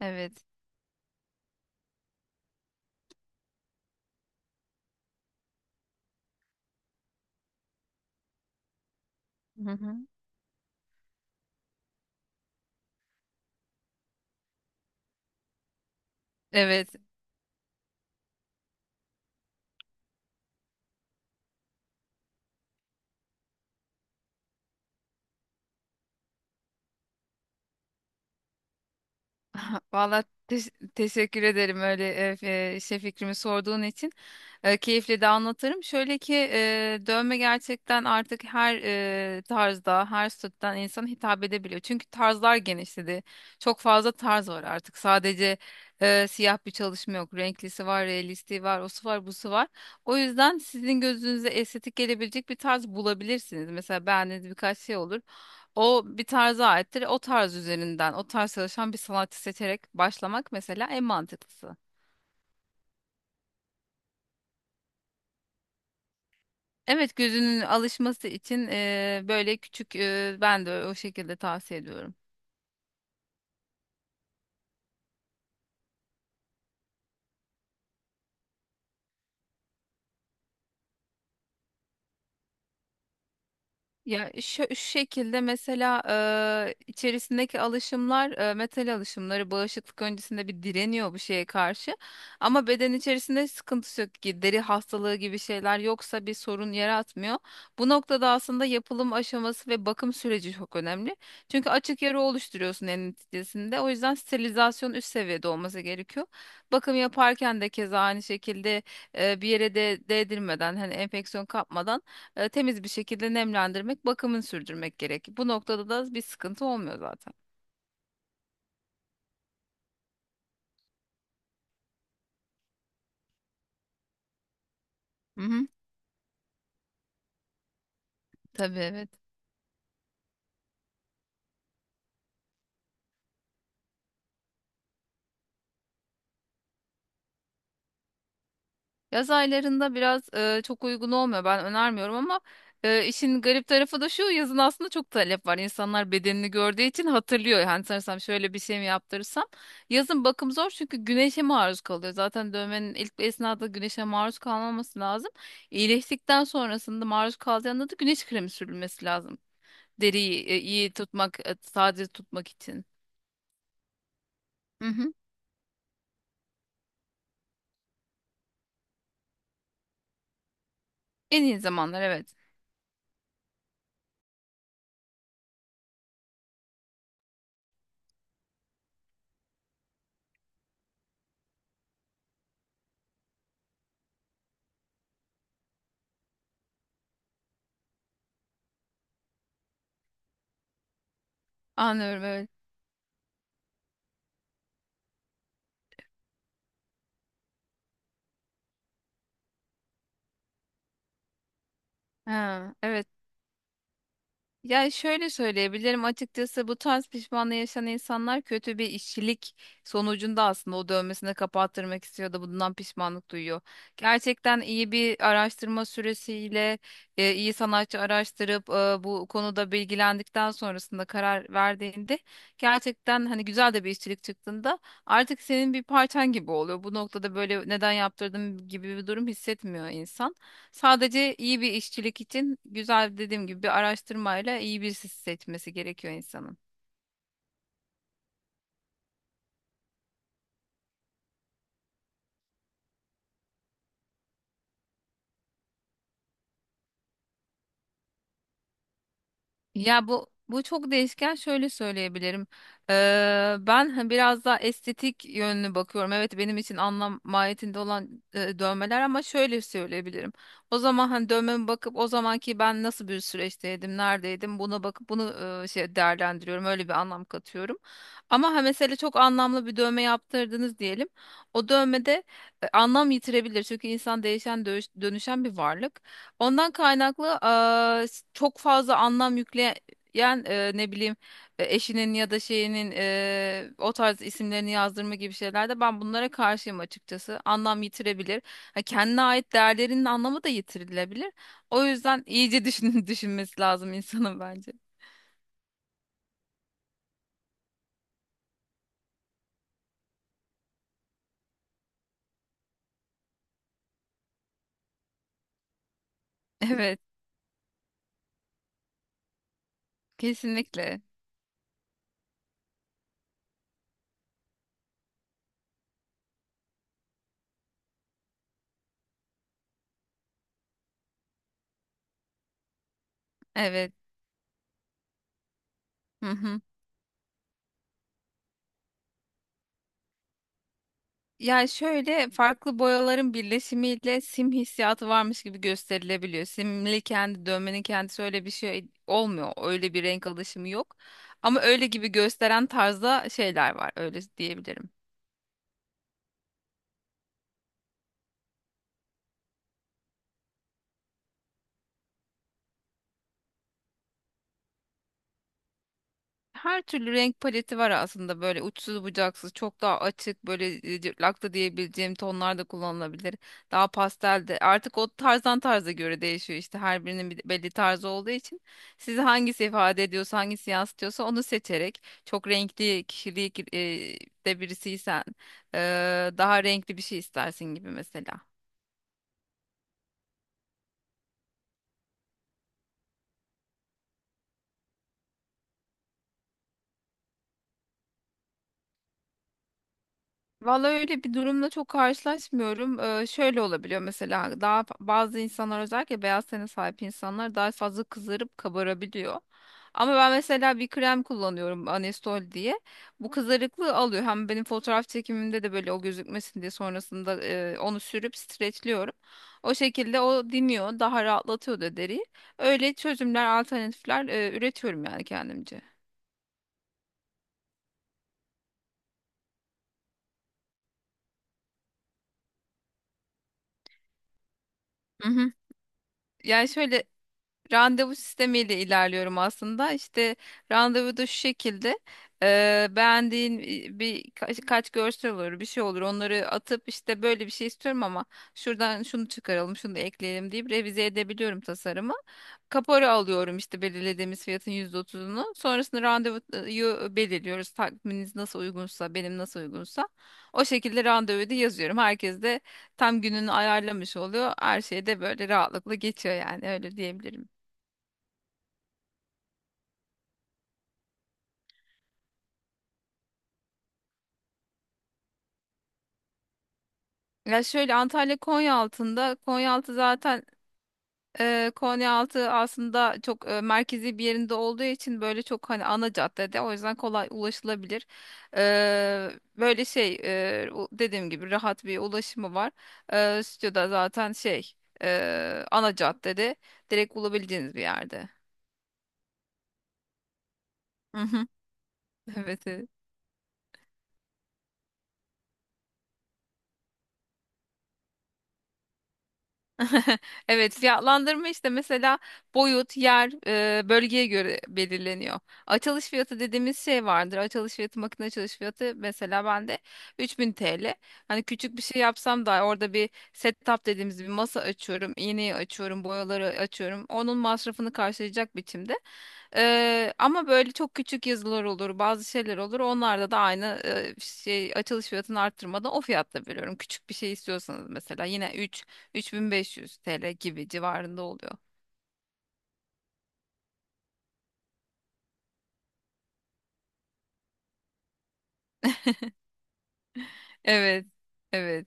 Evet. Hı hı. Evet. Vallahi teşekkür ederim öyle fikrimi sorduğun için. Keyifle de anlatırım. Şöyle ki dövme gerçekten artık her tarzda, her statüden insan hitap edebiliyor. Çünkü tarzlar genişledi. Çok fazla tarz var artık. Sadece siyah bir çalışma yok. Renklisi var, realisti var, osu var, busu var. O yüzden sizin gözünüze estetik gelebilecek bir tarz bulabilirsiniz. Mesela beğendiğiniz birkaç şey olur. O bir tarza aittir. O tarz üzerinden, o tarz çalışan bir sanatçı seçerek başlamak mesela en mantıklısı. Evet, gözünün alışması için böyle küçük, ben de o şekilde tavsiye ediyorum. Ya şu şekilde mesela içerisindeki alışımlar, metal alışımları bağışıklık öncesinde bir direniyor bu şeye karşı. Ama beden içerisinde sıkıntısı yok ki, deri hastalığı gibi şeyler yoksa bir sorun yaratmıyor. Bu noktada aslında yapılım aşaması ve bakım süreci çok önemli. Çünkü açık yara oluşturuyorsun en neticesinde. O yüzden sterilizasyon üst seviyede olması gerekiyor. Bakım yaparken de keza aynı şekilde bir yere de değdirmeden, hani enfeksiyon kapmadan, temiz bir şekilde nemlendirmek, bakımını sürdürmek gerek. Bu noktada da bir sıkıntı olmuyor zaten. Hı hı, tabii evet. Yaz aylarında biraz çok uygun olmuyor. Ben önermiyorum ama işin garip tarafı da şu, yazın aslında çok talep var. İnsanlar bedenini gördüğü için hatırlıyor. Hani sanırsam şöyle bir şey mi yaptırırsam. Yazın bakım zor, çünkü güneşe maruz kalıyor. Zaten dövmenin ilk esnada güneşe maruz kalmaması lazım. İyileştikten sonrasında maruz kalacağında da güneş kremi sürülmesi lazım. Deriyi iyi tutmak, taze tutmak için. Hı hı. En iyi zamanlar, evet. Anlıyorum, evet. Ha, evet. Yani şöyle söyleyebilirim, açıkçası bu tarz pişmanlığı yaşayan insanlar kötü bir işçilik sonucunda aslında o dövmesini kapattırmak istiyor da bundan pişmanlık duyuyor. Gerçekten iyi bir araştırma süresiyle, iyi sanatçı araştırıp bu konuda bilgilendikten sonrasında karar verdiğinde, gerçekten hani güzel de bir işçilik çıktığında artık senin bir parçan gibi oluyor. Bu noktada böyle neden yaptırdım gibi bir durum hissetmiyor insan. Sadece iyi bir işçilik için, güzel dediğim gibi, bir araştırmayla iyi birisi seçmesi gerekiyor insanın. Ya bu çok değişken, şöyle söyleyebilirim. Ben hani biraz daha estetik yönünü bakıyorum. Evet, benim için anlam mahiyetinde olan dövmeler, ama şöyle söyleyebilirim. O zaman hani dövmeme bakıp, o zamanki ben nasıl bir süreçteydim, neredeydim, buna bakıp bunu değerlendiriyorum. Öyle bir anlam katıyorum. Ama ha, mesela çok anlamlı bir dövme yaptırdınız diyelim. O dövmede anlam yitirebilir. Çünkü insan değişen, dönüşen bir varlık. Ondan kaynaklı çok fazla anlam yükleyen, ne bileyim, eşinin ya da şeyinin o tarz isimlerini yazdırma gibi şeylerde ben bunlara karşıyım açıkçası. Anlam yitirebilir. Ha, kendine ait değerlerinin anlamı da yitirilebilir. O yüzden iyice düşünmesi lazım insanın bence. Evet, kesinlikle. Evet. Hı hı. Yani şöyle, farklı boyaların birleşimiyle sim hissiyatı varmış gibi gösterilebiliyor. Simli, kendi dövmenin kendisi öyle bir şey olmuyor. Öyle bir renk alışımı yok. Ama öyle gibi gösteren tarzda şeyler var. Öyle diyebilirim. Her türlü renk paleti var aslında, böyle uçsuz bucaksız. Çok daha açık, böyle cırtlak da diyebileceğim tonlar da kullanılabilir. Daha pastel de artık, o tarzdan tarza göre değişiyor işte, her birinin bir belli tarzı olduğu için. Sizi hangisi ifade ediyorsa, hangisi yansıtıyorsa onu seçerek. Çok renkli kişilik de birisiysen, e, daha renkli bir şey istersin gibi mesela. Vallahi öyle bir durumla çok karşılaşmıyorum. Şöyle olabiliyor mesela, daha bazı insanlar, özellikle beyaz tene sahip insanlar daha fazla kızarıp kabarabiliyor. Ama ben mesela bir krem kullanıyorum, Anestol diye. Bu kızarıklığı alıyor. Hem benim fotoğraf çekimimde de böyle o gözükmesin diye, sonrasında onu sürüp streçliyorum. O şekilde o diniyor, daha rahatlatıyor da deriyi. Öyle çözümler, alternatifler üretiyorum yani kendimce. Hı hı. Yani şöyle, randevu sistemiyle ilerliyorum aslında. İşte randevu da şu şekilde, beğendiğin bir kaç görsel olur, bir şey olur, onları atıp işte böyle bir şey istiyorum ama şuradan şunu çıkaralım, şunu da ekleyelim deyip revize edebiliyorum tasarımı. Kapora alıyorum, işte belirlediğimiz fiyatın %30'unu. Sonrasında randevuyu belirliyoruz. Takviminiz nasıl uygunsa, benim nasıl uygunsa o şekilde randevuyu da yazıyorum. Herkes de tam gününü ayarlamış oluyor. Her şey de böyle rahatlıkla geçiyor, yani öyle diyebilirim. Ya şöyle, Antalya Konyaaltı'nda. Konyaaltı zaten, Konyaaltı aslında çok merkezi bir yerinde olduğu için, böyle çok hani ana caddede, o yüzden kolay ulaşılabilir. E, böyle şey, dediğim gibi rahat bir ulaşımı var. Stüdyoda zaten ana caddede, direkt bulabileceğiniz bir yerde. Hı hı. Evet. Evet. Evet, fiyatlandırma işte, mesela boyut, yer, bölgeye göre belirleniyor. Açılış fiyatı dediğimiz şey vardır. Açılış fiyatı, makine açılış fiyatı, mesela bende 3000 TL. Hani küçük bir şey yapsam da, orada bir setup dediğimiz bir masa açıyorum, iğneyi açıyorum, boyaları açıyorum. Onun masrafını karşılayacak biçimde. Ama böyle çok küçük yazılar olur, bazı şeyler olur. Onlarda da aynı, açılış fiyatını arttırmadan o fiyatta veriyorum. Küçük bir şey istiyorsanız mesela, yine 3500 TL gibi civarında oluyor. Evet, evet.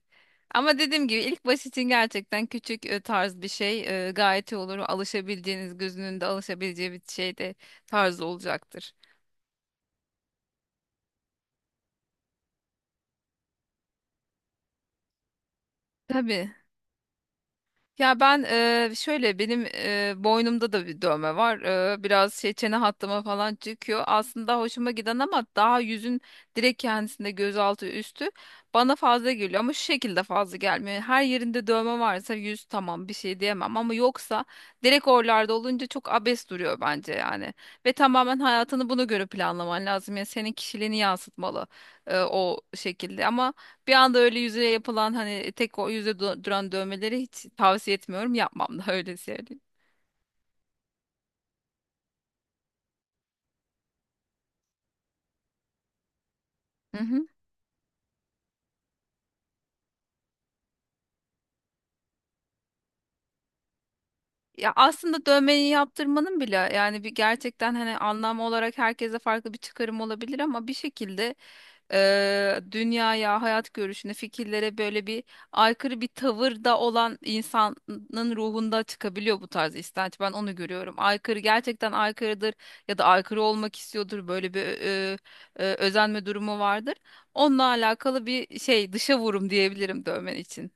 Ama dediğim gibi, ilk baş için gerçekten küçük tarz bir şey gayet iyi olur. Alışabileceğiniz, gözünün de alışabileceği bir şey de tarz olacaktır. Tabii. Ya ben şöyle, benim boynumda da bir dövme var. Biraz çene hattıma falan çıkıyor. Aslında hoşuma giden, ama daha yüzün direkt kendisinde, gözaltı üstü bana fazla geliyor, ama şu şekilde fazla gelmiyor. Yani her yerinde dövme varsa yüz, tamam, bir şey diyemem, ama yoksa direkt oralarda olunca çok abes duruyor bence yani. Ve tamamen hayatını buna göre planlaman lazım. Yani senin kişiliğini yansıtmalı o şekilde, ama bir anda öyle yüzeye yapılan, hani tek o yüze duran dövmeleri hiç tavsiye etmiyorum. Yapmam da öyle söyleyeyim. Hı hı. Ya aslında dövmeyi yaptırmanın bile, yani bir gerçekten hani anlam olarak herkese farklı bir çıkarım olabilir, ama bir şekilde dünyaya, hayat görüşüne, fikirlere böyle bir aykırı bir tavırda olan insanın ruhunda çıkabiliyor bu tarz istenç. Ben onu görüyorum. Aykırı gerçekten aykırıdır, ya da aykırı olmak istiyordur. Böyle bir özenme durumu vardır. Onunla alakalı bir şey, dışa vurum diyebilirim dövmen için.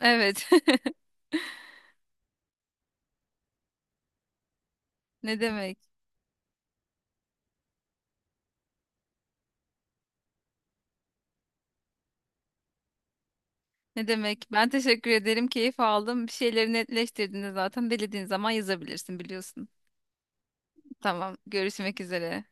Evet. Ne demek? Ne demek? Ben teşekkür ederim. Keyif aldım. Bir şeyleri netleştirdiğinde, zaten belediğin zaman yazabilirsin, biliyorsun. Tamam. Görüşmek üzere.